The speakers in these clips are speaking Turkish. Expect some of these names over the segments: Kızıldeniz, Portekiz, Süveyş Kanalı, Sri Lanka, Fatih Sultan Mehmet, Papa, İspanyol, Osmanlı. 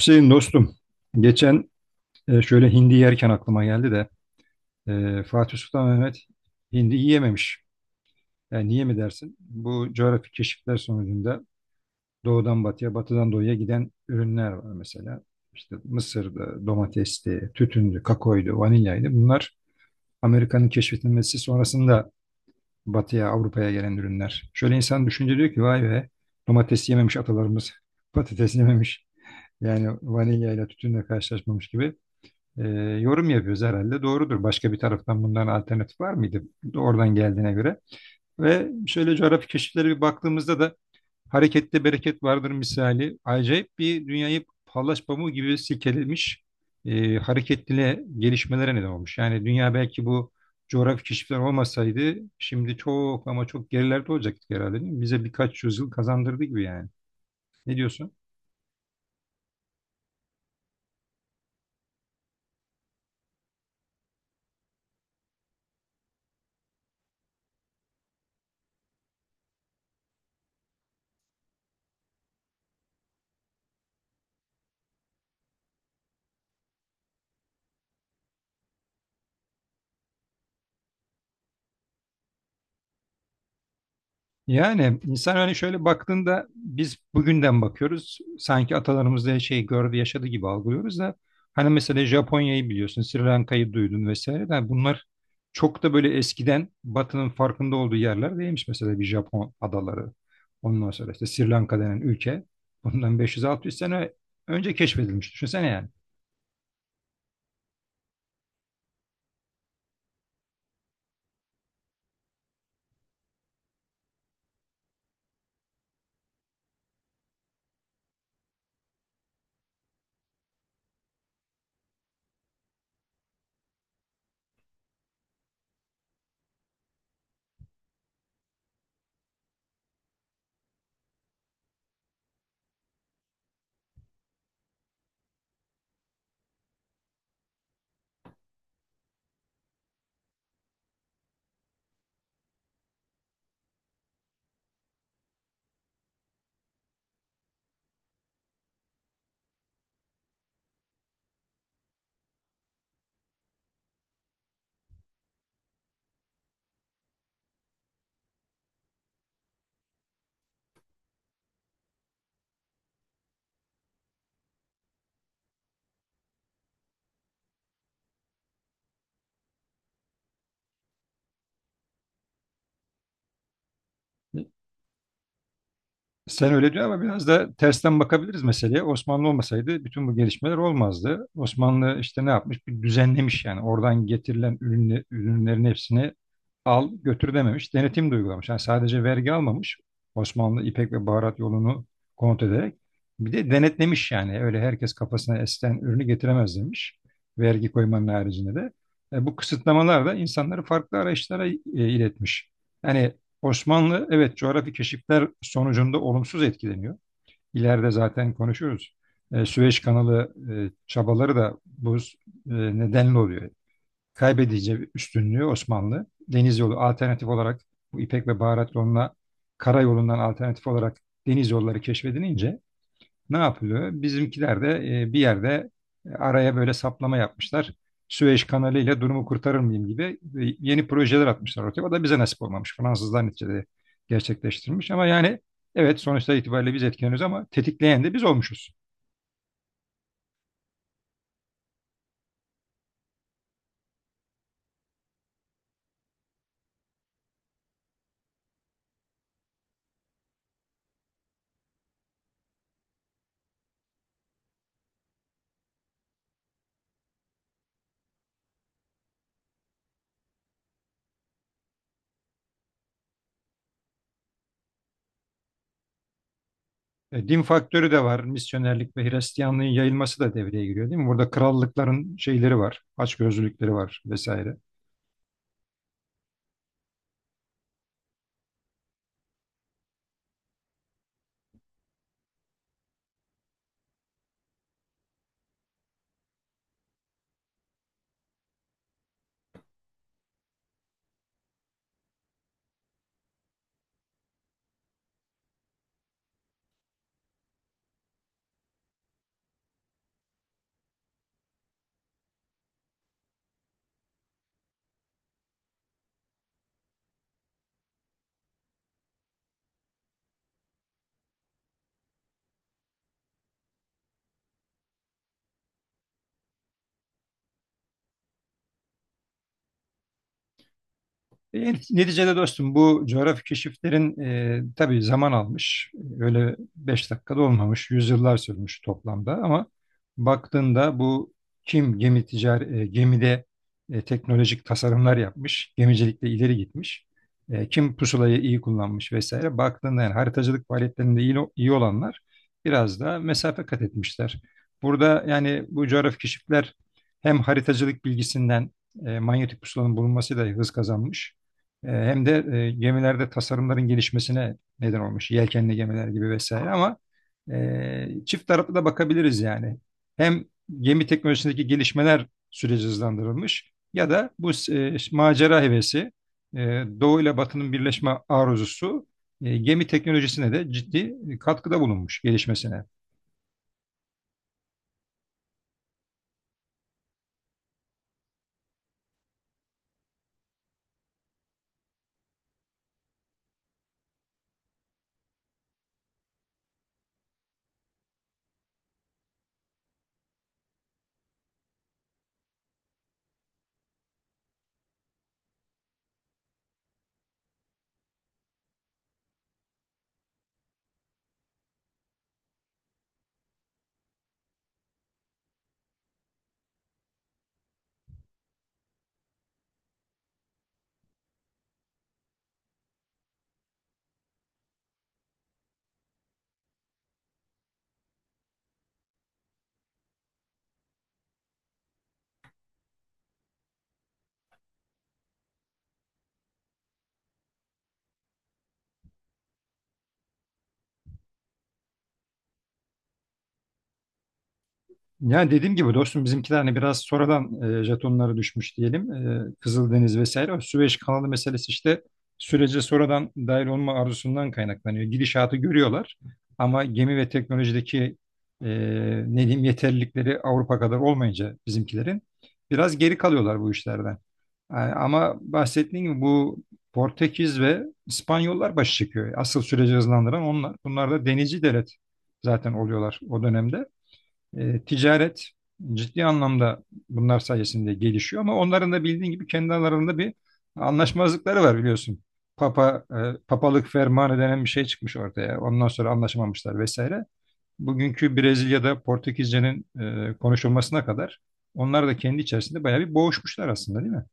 Hüseyin dostum, geçen şöyle hindi yerken aklıma geldi de Fatih Sultan Mehmet hindi yiyememiş. Yani niye mi dersin? Bu coğrafi keşifler sonucunda doğudan batıya, batıdan doğuya giden ürünler var mesela. İşte mısırdı, domatesti, tütündü, kakoydu, vanilyaydı. Bunlar Amerika'nın keşfedilmesi sonrasında batıya, Avrupa'ya gelen ürünler. Şöyle insan düşünce diyor ki vay be domates yememiş atalarımız, patates yememiş. Yani vanilyayla tütünle karşılaşmamış gibi. e, Yorum yapıyoruz herhalde. Doğrudur. Başka bir taraftan bunların alternatif var mıydı? Oradan geldiğine göre. Ve şöyle coğrafi keşiflere bir baktığımızda da harekette bereket vardır misali. Acayip bir dünyayı pallaş pamuğu gibi silkelemiş, hareketli gelişmelere neden olmuş. Yani dünya belki bu coğrafi keşifler olmasaydı şimdi çok ama çok gerilerde olacaktık herhalde, değil mi? Bize birkaç yüzyıl kazandırdı gibi yani. Ne diyorsun? Yani insan hani şöyle baktığında biz bugünden bakıyoruz. Sanki atalarımız da şey gördü, yaşadı gibi algılıyoruz da hani mesela Japonya'yı biliyorsun, Sri Lanka'yı duydun vesaire de bunlar çok da böyle eskiden Batı'nın farkında olduğu yerler değilmiş. Mesela bir Japon adaları. Ondan sonra işte Sri Lanka denen ülke bundan 500-600 sene önce keşfedilmiş. Düşünsene yani. Sen öyle diyor ama biraz da tersten bakabiliriz meseleye. Osmanlı olmasaydı bütün bu gelişmeler olmazdı. Osmanlı işte ne yapmış? Bir düzenlemiş yani. Oradan getirilen ürünle, ürünlerin hepsini al götür dememiş. Denetim de uygulamış. Yani sadece vergi almamış. Osmanlı ipek ve baharat yolunu kontrol ederek. Bir de denetlemiş yani. Öyle herkes kafasına esen ürünü getiremez demiş. Vergi koymanın haricinde de. Bu kısıtlamalar da insanları farklı araçlara iletmiş. Yani Osmanlı evet coğrafi keşifler sonucunda olumsuz etkileniyor. İleride zaten konuşuyoruz. Süveyş kanalı çabaları da bu nedenle oluyor. Kaybedince üstünlüğü Osmanlı. Deniz yolu alternatif olarak bu İpek ve Baharat yoluna karayolundan alternatif olarak deniz yolları keşfedilince ne yapılıyor? Bizimkiler de bir yerde araya böyle saplama yapmışlar. Süveyş Kanalı ile durumu kurtarır mıyım gibi yeni projeler atmışlar ortaya. O da bize nasip olmamış. Fransızlar neticede gerçekleştirmiş. Ama yani evet sonuçta itibariyle biz etkileniyoruz ama tetikleyen de biz olmuşuz. Din faktörü de var. Misyonerlik ve Hristiyanlığın yayılması da devreye giriyor, değil mi? Burada krallıkların şeyleri var. Açgözlülükleri var vesaire. E, neticede dostum bu coğrafi keşiflerin, tabii zaman almış. E, Öyle beş dakikada olmamış. Yüzyıllar sürmüş toplamda ama baktığında bu kim gemi ticari, gemide teknolojik tasarımlar yapmış. Gemicilikte ileri gitmiş. E, kim pusulayı iyi kullanmış vesaire. Baktığında yani haritacılık faaliyetlerinde iyi olanlar biraz da mesafe kat etmişler. Burada yani bu coğrafi keşifler hem haritacılık bilgisinden, manyetik pusulanın bulunmasıyla hız kazanmış. E, Hem de gemilerde tasarımların gelişmesine neden olmuş. Yelkenli gemiler gibi vesaire ama çift taraflı da bakabiliriz yani. Hem gemi teknolojisindeki gelişmeler süreci hızlandırılmış ya da bu macera hevesi, e, Doğu ile Batı'nın birleşme arzusu gemi teknolojisine de ciddi katkıda bulunmuş gelişmesine. Yani dediğim gibi dostum bizimkiler hani biraz sonradan jetonları düşmüş diyelim. E, Kızıldeniz vesaire. O Süveyş kanalı meselesi işte sürece sonradan dahil olma arzusundan kaynaklanıyor. Gidişatı görüyorlar ama gemi ve teknolojideki e, ne diyeyim yeterlilikleri Avrupa kadar olmayınca bizimkilerin biraz geri kalıyorlar bu işlerden. Yani ama bahsettiğim gibi bu Portekiz ve İspanyollar başı çıkıyor. Asıl süreci hızlandıran onlar. Bunlar da denizci devlet zaten oluyorlar o dönemde. E, ticaret ciddi anlamda bunlar sayesinde gelişiyor ama onların da bildiğin gibi kendi aralarında bir anlaşmazlıkları var biliyorsun. Papa, papalık fermanı denen bir şey çıkmış ortaya. Ondan sonra anlaşamamışlar vesaire. Bugünkü Brezilya'da Portekizce'nin konuşulmasına kadar onlar da kendi içerisinde bayağı bir boğuşmuşlar aslında, değil mi?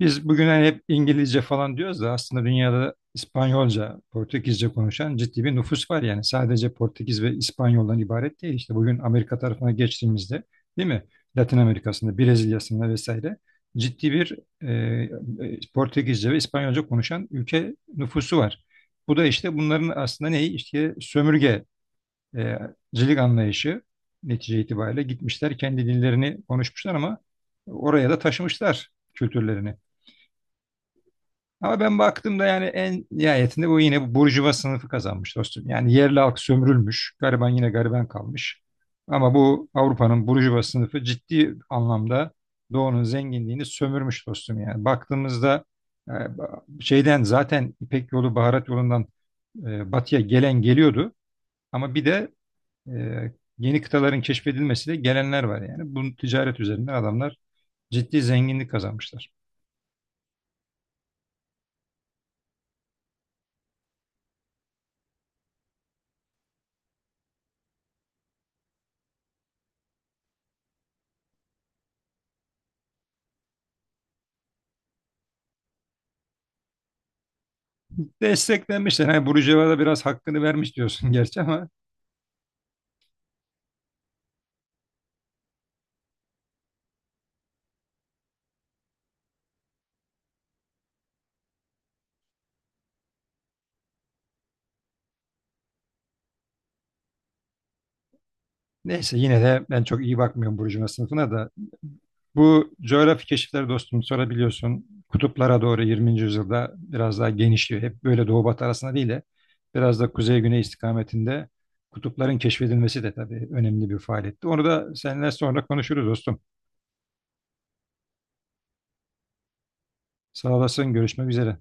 Biz bugün hani hep İngilizce falan diyoruz da aslında dünyada İspanyolca, Portekizce konuşan ciddi bir nüfus var yani. Sadece Portekiz ve İspanyoldan ibaret değil. İşte bugün Amerika tarafına geçtiğimizde, değil mi? Latin Amerika'sında, Brezilya'sında vesaire ciddi bir Portekizce ve İspanyolca konuşan ülke nüfusu var. Bu da işte bunların aslında neyi? İşte sömürgecilik anlayışı netice itibariyle gitmişler kendi dillerini konuşmuşlar ama oraya da taşımışlar kültürlerini. Ama ben baktığımda yani en nihayetinde bu yine bu burjuva sınıfı kazanmış dostum. Yani yerli halk sömürülmüş, gariban yine gariban kalmış. Ama bu Avrupa'nın burjuva sınıfı ciddi anlamda Doğu'nun zenginliğini sömürmüş dostum yani. Baktığımızda e, şeyden zaten İpek yolu, baharat yolundan batıya gelen geliyordu. Ama bir de e, yeni kıtaların keşfedilmesiyle gelenler var yani. Bu ticaret üzerinden adamlar ciddi zenginlik kazanmışlar. Desteklenmişler. Hani Burcuva'ya da biraz hakkını vermiş diyorsun gerçi ama neyse yine de ben çok iyi bakmıyorum Burcuva sınıfına da. Bu coğrafi keşifler dostum sonra biliyorsun kutuplara doğru 20. yüzyılda biraz daha genişliyor. Hep böyle doğu batı arasında değil de biraz da kuzey güney istikametinde kutupların keşfedilmesi de tabii önemli bir faaliyetti. Onu da seninle sonra konuşuruz dostum. Sağ olasın, görüşmek üzere.